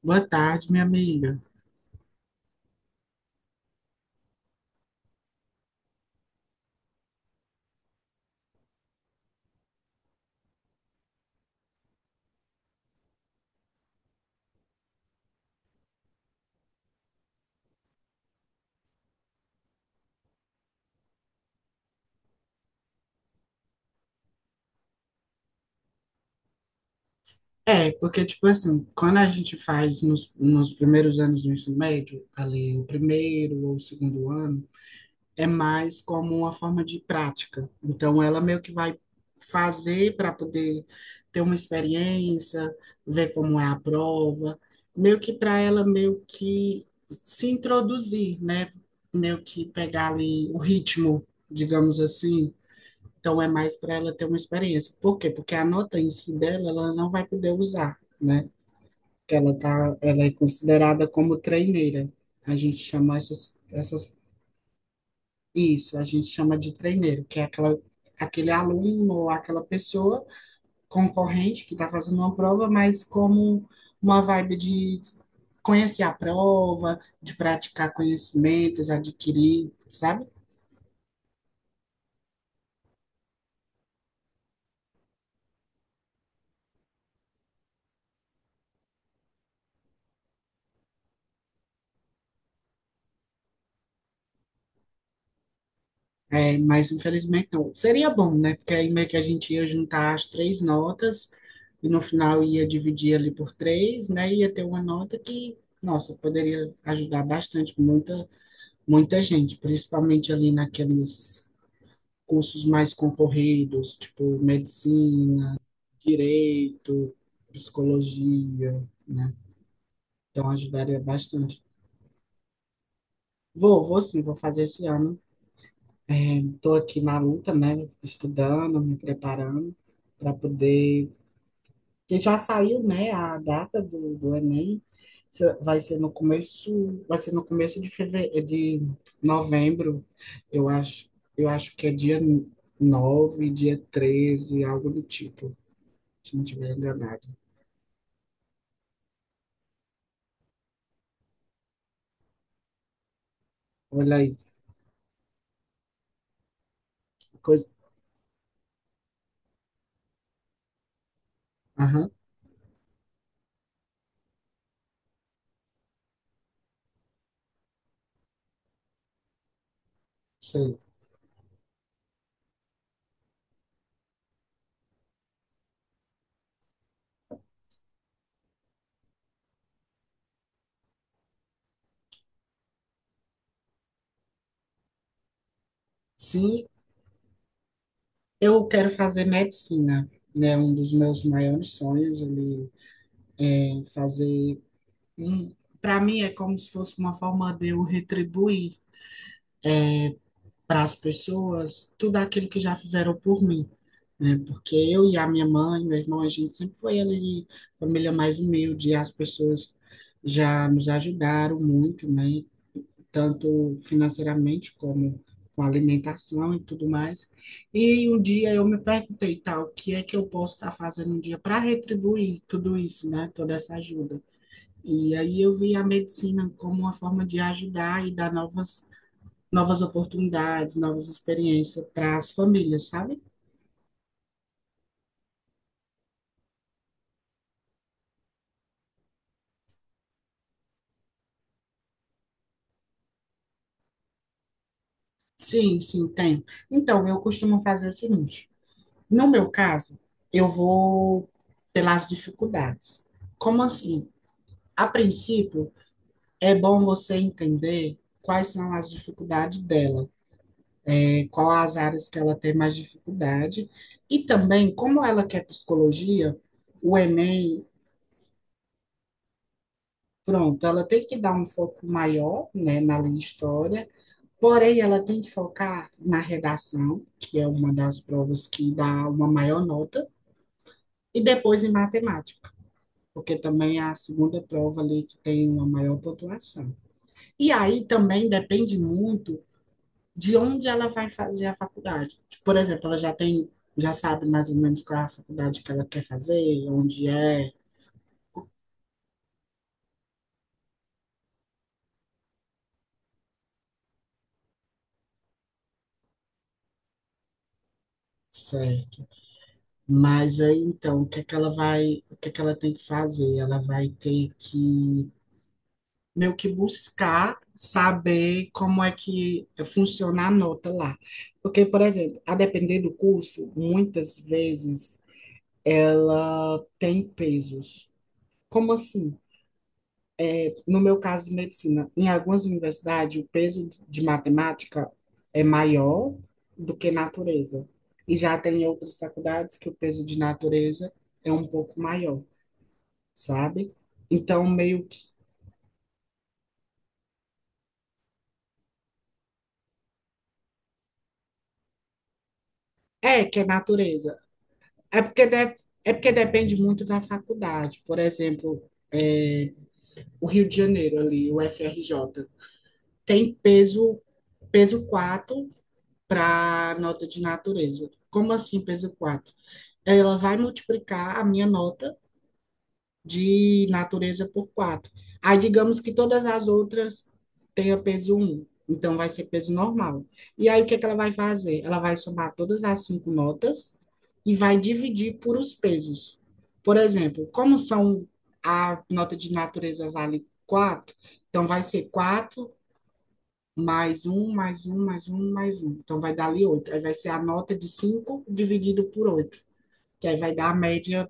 Boa tarde, minha amiga. É, porque, tipo assim, quando a gente faz nos primeiros anos do ensino médio, ali o primeiro ou o segundo ano, é mais como uma forma de prática. Então, ela meio que vai fazer para poder ter uma experiência, ver como é a prova, meio que para ela meio que se introduzir, né? Meio que pegar ali o ritmo, digamos assim. Então é mais para ela ter uma experiência. Por quê? Porque a nota em si dela, ela não vai poder usar, né? Porque ela tá, ela é considerada como treineira. A gente chama essas, essas, isso, a gente chama de treineiro, que é aquele aluno ou aquela pessoa concorrente que está fazendo uma prova, mas como uma vibe de conhecer a prova, de praticar conhecimentos, adquirir, sabe? É, mas infelizmente não. Seria bom, né? Porque aí meio que a gente ia juntar as três notas e no final ia dividir ali por três, né? Ia ter uma nota que, nossa, poderia ajudar bastante muita, muita gente, principalmente ali naqueles cursos mais concorridos, tipo medicina, direito, psicologia, né? Então ajudaria bastante. Vou sim, vou fazer esse ano. Estou aqui na luta, né? Estudando, me preparando para poder. Que já saiu, né? A data do Enem. Vai ser no começo, de fevereiro, de novembro, eu acho. Eu acho que é dia nove, dia 13, algo do tipo, se não estiver enganado. Olha aí, que coisa. Aham, sei. Sim, eu quero fazer medicina, né? Um dos meus maiores sonhos ali, fazer. Para mim é como se fosse uma forma de eu retribuir para as pessoas tudo aquilo que já fizeram por mim, né? Porque eu e a minha mãe, meu irmão, a gente sempre foi ali família mais humilde, e as pessoas já nos ajudaram muito, né? Tanto financeiramente como com alimentação e tudo mais. E um dia eu me perguntei, tal, o que é que eu posso estar fazendo um dia para retribuir tudo isso, né? Toda essa ajuda. E aí eu vi a medicina como uma forma de ajudar e dar novas, novas oportunidades, novas experiências para as famílias, sabe? Sim, sim, tem. Então, eu costumo fazer o seguinte: no meu caso, eu vou pelas dificuldades. Como assim? A princípio, é bom você entender quais são as dificuldades dela, né? Qual as áreas que ela tem mais dificuldade. E também, como ela quer psicologia, o Enem. Pronto, ela tem que dar um foco maior, né, na linha história, porém ela tem que focar na redação, que é uma das provas que dá uma maior nota, e depois em matemática, porque também é a segunda prova ali que tem uma maior pontuação. E aí também depende muito de onde ela vai fazer a faculdade. Tipo, por exemplo, ela já já sabe mais ou menos qual é a faculdade que ela quer fazer, onde é. Certo. Mas aí então, o que é que ela tem que fazer? Ela vai ter que meio que buscar saber como é que funciona a nota lá. Porque, por exemplo, a depender do curso, muitas vezes ela tem pesos. Como assim? No meu caso de medicina, em algumas universidades, o peso de matemática é maior do que natureza. E já tem outras faculdades que o peso de natureza é um pouco maior, sabe? Então, meio que. É, que é natureza. É porque, de- é porque depende muito da faculdade. Por exemplo, é, o Rio de Janeiro, ali, o F R J tem peso 4 para nota de natureza. Como assim, peso quatro? Ela vai multiplicar a minha nota de natureza por 4. Aí, digamos que todas as outras tenham peso um, então vai ser peso normal. E aí, o que é que ela vai fazer? Ela vai somar todas as cinco notas e vai dividir por os pesos. Por exemplo, como são a nota de natureza vale 4, então vai ser 4 mais um mais um mais um mais um. Então vai dar ali 8. Aí vai ser a nota de 5 dividido por oito, que aí vai dar a média,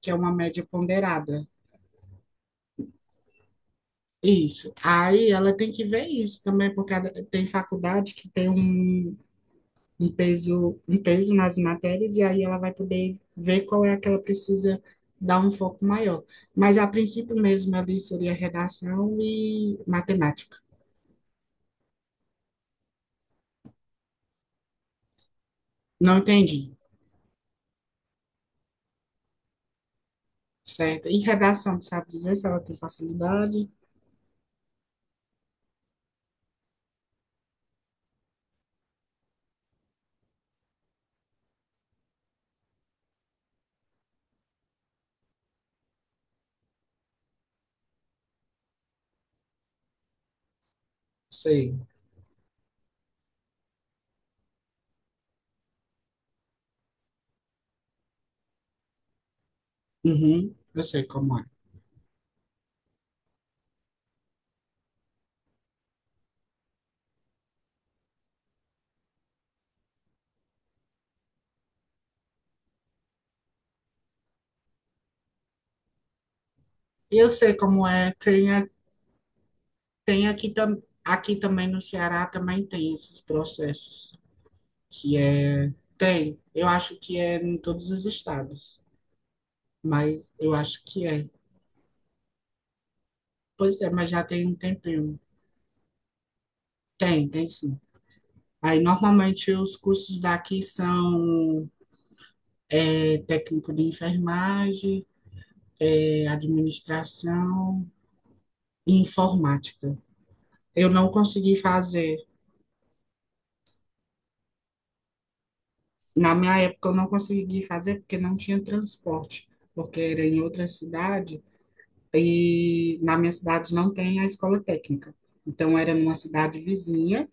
que é uma média ponderada. Isso. Aí ela tem que ver isso também, porque tem faculdade que tem um peso nas matérias, e aí ela vai poder ver qual é a que ela precisa dar um foco maior. Mas a princípio mesmo ali seria redação e matemática. Não entendi. Certo. E redação, sabe dizer se ela tem facilidade? Sei. Uhum, eu sei como é. Eu sei como é. Tem, tem aqui, aqui também no Ceará também tem esses processos. Que é. Tem, eu acho que é em todos os estados, mas eu acho que é. Pois é, mas já tem um tempinho. Tem, tem sim. Aí, normalmente, os cursos daqui são, técnico de enfermagem, administração e informática. Eu não consegui fazer. Na minha época, eu não consegui fazer porque não tinha transporte, porque era em outra cidade e na minha cidade não tem a escola técnica. Então, era numa cidade vizinha.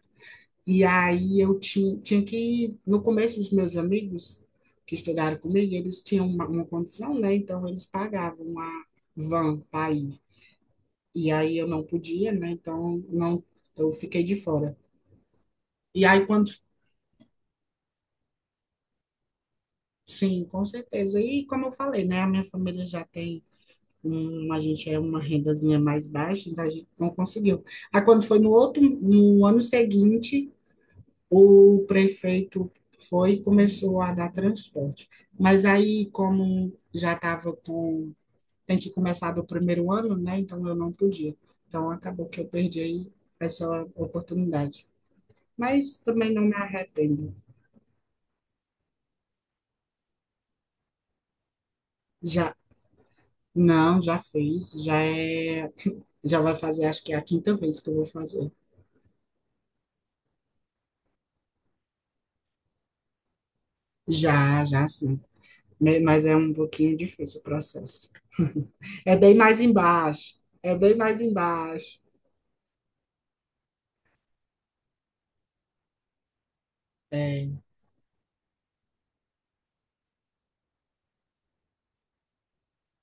E aí eu tinha que, no começo, os meus amigos que estudaram comigo, eles tinham uma condição, né? Então eles pagavam uma van para ir. E aí eu não podia, né? Então não, eu fiquei de fora. E aí quando, sim, com certeza. E como eu falei, né? A minha família já a gente é uma rendazinha mais baixa, então a gente não conseguiu. Aí quando foi no ano seguinte, o prefeito foi e começou a dar transporte. Mas aí, como já estava com. Tem que começar do primeiro ano, né? Então eu não podia. Então acabou que eu perdi aí essa oportunidade. Mas também não me arrependo. Já. Não, já fiz. Já é. Já vai fazer, acho que é a quinta vez que eu vou fazer. Já, já sim. Mas é um pouquinho difícil o processo. É bem mais embaixo. É bem mais embaixo. É,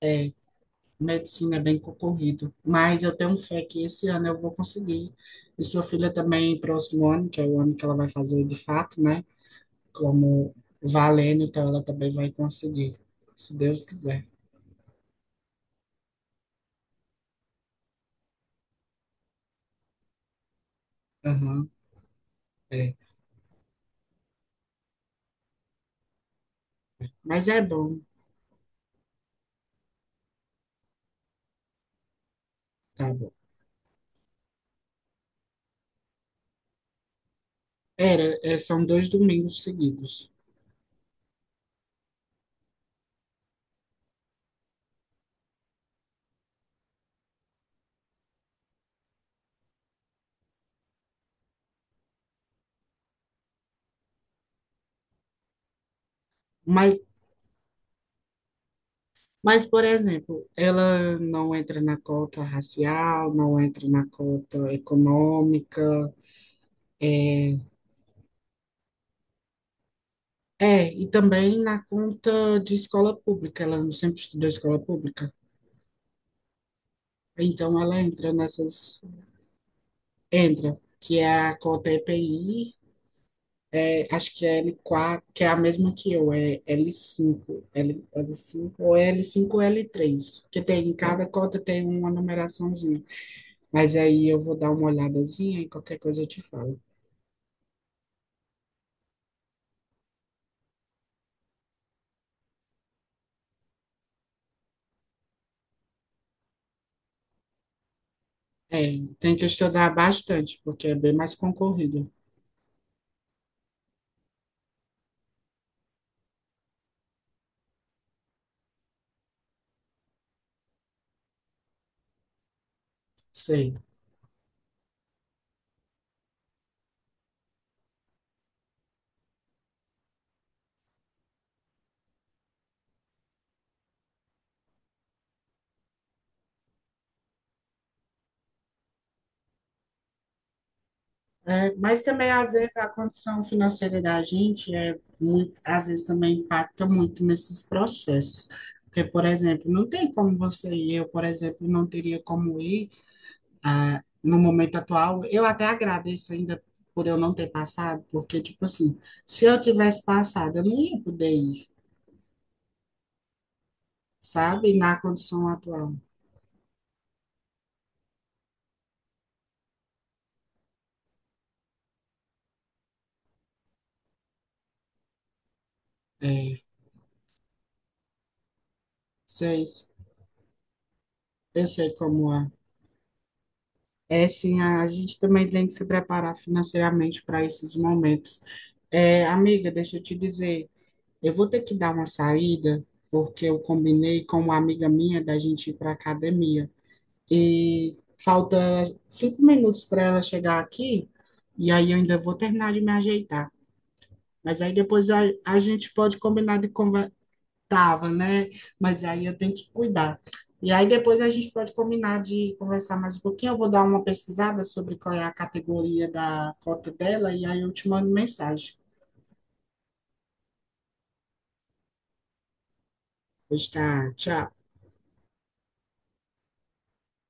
é. Medicina é bem concorrido, mas eu tenho fé que esse ano eu vou conseguir. E sua filha também, próximo ano, que é o ano que ela vai fazer de fato, né? Como valendo, então ela também vai conseguir, se Deus quiser. Aham, é. Mas é bom, tá bom. Era, é, são 2 domingos seguidos. Mas, mas, por exemplo, ela não entra na cota racial, não entra na cota econômica. É, É, e também na conta de escola pública, ela não sempre estudou escola pública, então ela entra entra, que é a cota EPI, acho que é L4 que é a mesma que eu, L5, L, cinco l l 5 ou L5 ou L3 que tem, em cada cota tem uma numeraçãozinha, mas aí eu vou dar uma olhadazinha e qualquer coisa eu te falo. É, tem que estudar bastante, porque é bem mais concorrido, sei. É, mas também, às vezes, a condição financeira da gente às vezes também impacta muito nesses processos. Porque, por exemplo, não tem como você e eu, por exemplo, não teria como ir no momento atual. Eu até agradeço ainda por eu não ter passado, porque, tipo assim, se eu tivesse passado, eu não ia poder ir, sabe? Na condição atual. É, vocês, eu sei como é. É, sim, a gente também tem que se preparar financeiramente para esses momentos. É, amiga, deixa eu te dizer, eu vou ter que dar uma saída, porque eu combinei com uma amiga minha da gente ir para a academia. E falta 5 minutos para ela chegar aqui, e aí eu ainda vou terminar de me ajeitar. Mas aí depois a gente pode combinar de. Tava, né? Mas aí eu tenho que cuidar. E aí depois a gente pode combinar de conversar mais um pouquinho. Eu vou dar uma pesquisada sobre qual é a categoria da cota dela e aí eu te mando mensagem. Pois tá, tchau.